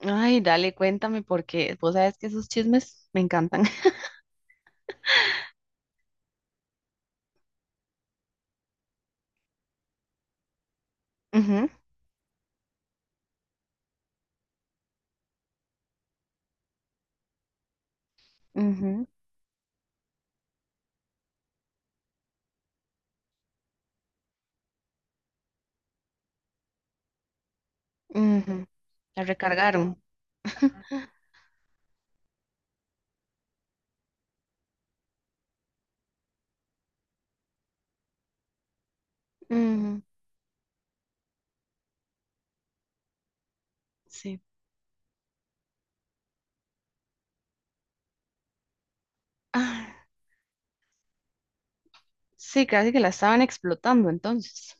Ay, dale, cuéntame, porque vos sabes que esos chismes me encantan. Ujú, ujú, ujú. La recargaron. Ujú, sí. Ah, sí, casi que la estaban explotando entonces.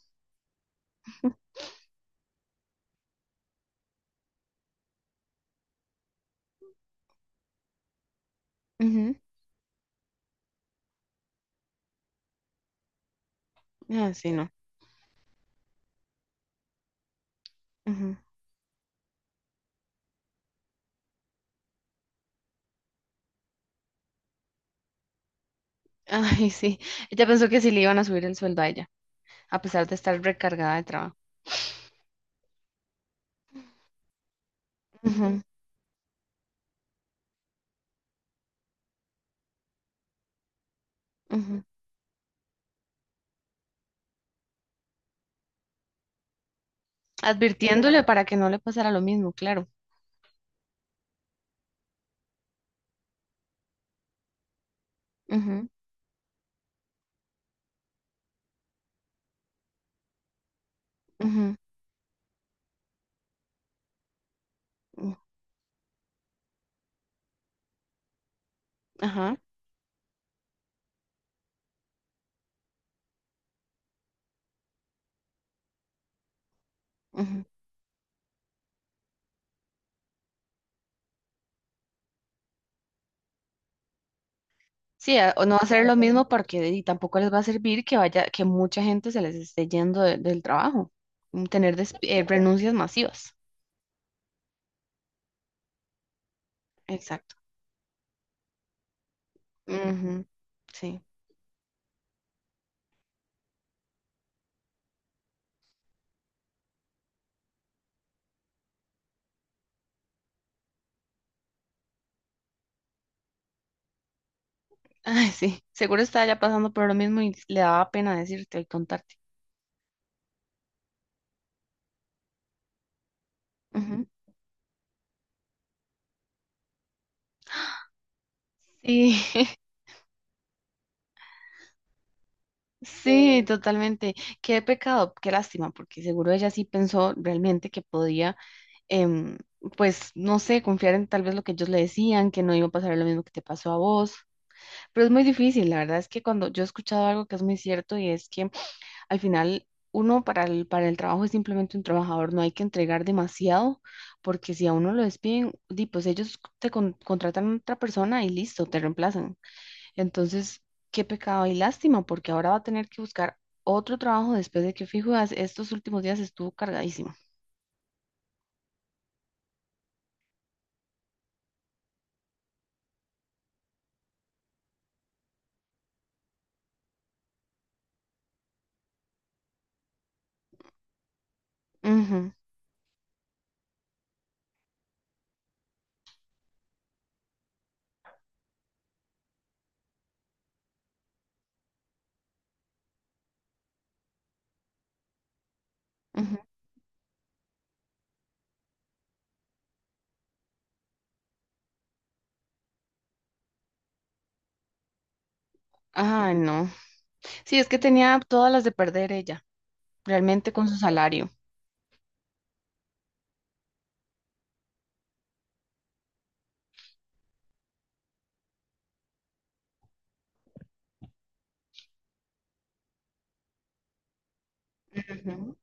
Ujú. Ah, sí, no. Ujú. Ay, sí. Ella pensó que sí le iban a subir el sueldo a ella, a pesar de estar recargada de trabajo. Ujú, ujú. Advirtiéndole para que no le pasara lo mismo, claro. Ujú, ujú, ujú. Ajá. Ujú. Sí, a- o no hacer lo mismo porque y tampoco les va a servir que vaya, que mucha gente se les esté yendo de- del trabajo, mm, tener desp- renuncias masivas. Exacto. Ujú, sí. Ay, sí. Seguro estaba ya pasando por lo mismo y le daba pena decirte y contarte. Ujú. Sí, sí, sí, totalmente. Qué pecado, qué lástima, porque seguro ella sí pensó realmente que podía, em, pues, no sé, confiar en tal vez lo que ellos le decían, que no iba a pasar lo mismo que te pasó a vos. Pero es muy difícil, la verdad es que cuando yo he escuchado algo que es muy cierto y es que al final uno para el trabajo es simplemente un trabajador, no hay que entregar demasiado, porque si a uno lo despiden, di, pues ellos te con- contratan a otra persona y listo, te reemplazan. Entonces, qué pecado y lástima, porque ahora va a tener que buscar otro trabajo después de que fijo, as- estos últimos días estuvo cargadísimo. Ujú, ujú. Ay, no. Sí, es que tenía todas las de perder ella, realmente con su salario. Ujú.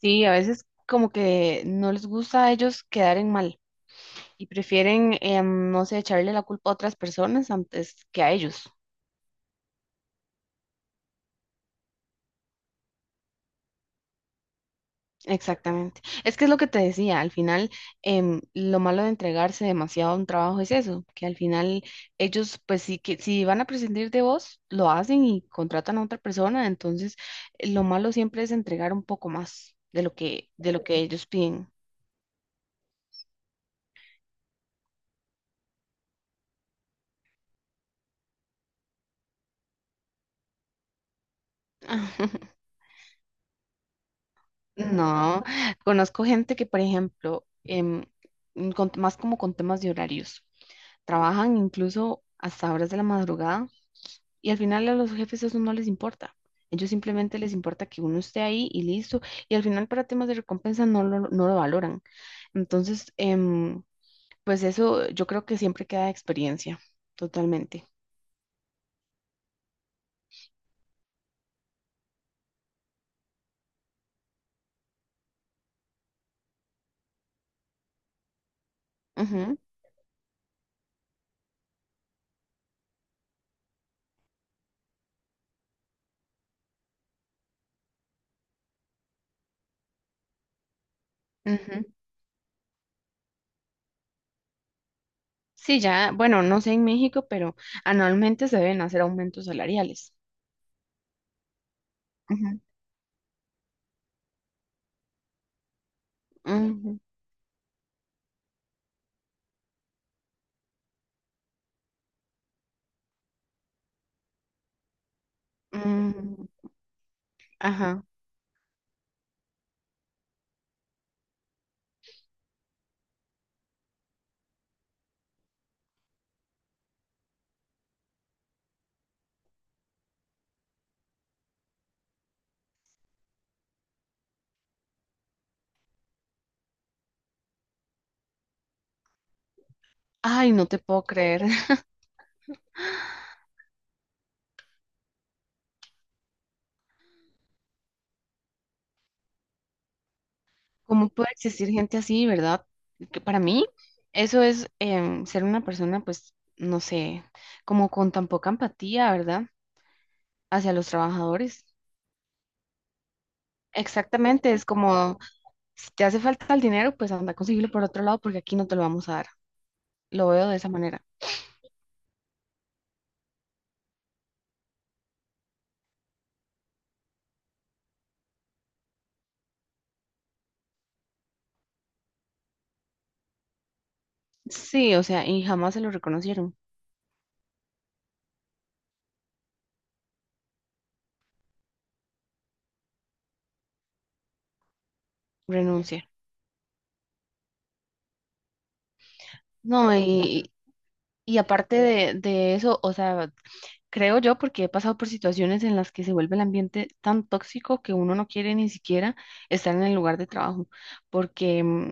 Sí, a veces como que no les gusta a ellos quedar en mal y prefieren, no sé, echarle la culpa a otras personas antes que a ellos. Exactamente. Es que es lo que te decía, al final lo malo de entregarse demasiado a un trabajo es eso, que al final ellos pues sí que si van a prescindir de vos, lo hacen y contratan a otra persona, entonces lo malo siempre es entregar un poco más de lo que ellos piden. No, conozco gente que, por ejemplo, con- más como con temas de horarios, trabajan incluso hasta horas de la madrugada y al final a los jefes eso no les importa. Ellos simplemente les importa que uno esté ahí y listo. Y al final para temas de recompensa no lo valoran. Entonces, pues eso yo creo que siempre queda de experiencia, totalmente. Ujú, ujú. Sí, ya, bueno, no sé en México, pero anualmente se deben hacer aumentos salariales. Ujú, ujú. Mm, ajá. Ay, no te puedo creer. ¿Cómo puede existir gente así, verdad? Que para mí, eso es ser una persona, pues, no sé, como con tan poca empatía, ¿verdad? Hacia los trabajadores. Exactamente, es como, si te hace falta el dinero, pues anda a conseguirlo por otro lado porque aquí no te lo vamos a dar. Lo veo de esa manera. Sí, o sea, y jamás se lo reconocieron. Renuncia. No, y aparte de eso, o sea, creo yo, porque he pasado por situaciones en las que se vuelve el ambiente tan tóxico que uno no quiere ni siquiera estar en el lugar de trabajo. Porque, mm,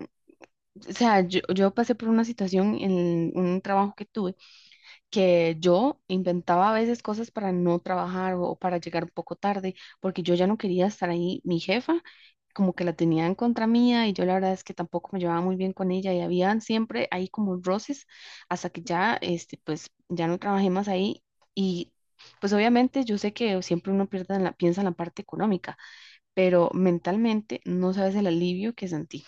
o sea, yo pasé por una situación en un trabajo que tuve que yo inventaba a veces cosas para no trabajar o para llegar un poco tarde, porque yo ya no quería estar ahí. Mi jefa como que la tenía en contra mía y yo la verdad es que tampoco me llevaba muy bien con ella y habían siempre ahí como roces hasta que ya, este, pues ya no trabajé más ahí y pues obviamente yo sé que siempre uno pierde en la, piensa en la parte económica, pero mentalmente no sabes el alivio que sentí.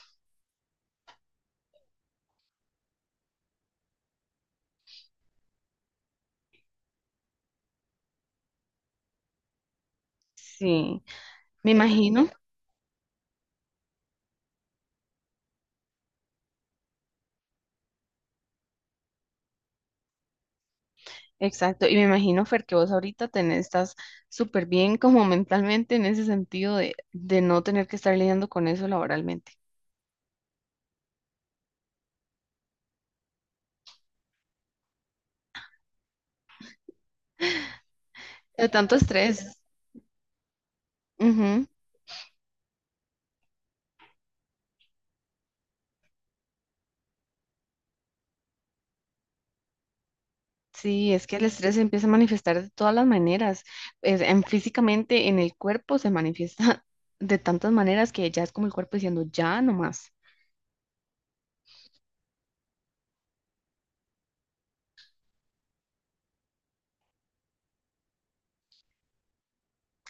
Sí, me imagino. Exacto, y me imagino, Fer, que vos ahorita tenés, estás súper bien como mentalmente en ese sentido de no tener que estar lidiando con eso laboralmente. De tanto estrés. Ujú. Sí, es que el estrés se empieza a manifestar de todas las maneras. Es- en, físicamente en el cuerpo se manifiesta de tantas maneras que ya es como el cuerpo diciendo, ya no más.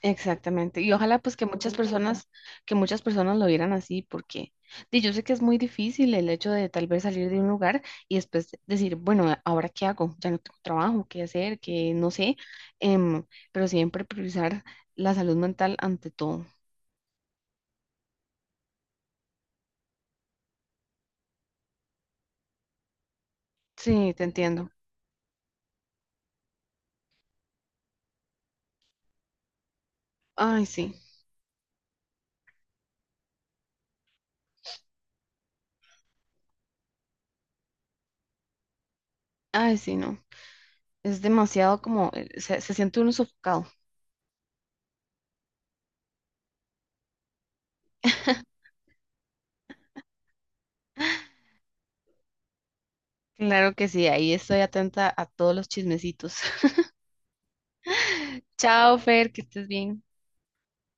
Exactamente. Y ojalá pues que muchas personas lo vieran así, porque di, yo sé que es muy difícil el hecho de tal vez salir de un lugar y después decir, bueno, ¿a- ¿ahora qué hago? Ya no tengo trabajo, qué hacer, qué no sé, em, pero siempre priorizar la salud mental ante todo. Sí, te entiendo. Ay, sí, ay, sí, no. Es demasiado como, se, se siente uno sofocado. Claro que sí, ahí estoy atenta a todos los chismecitos. Chao, Fer, que estés bien.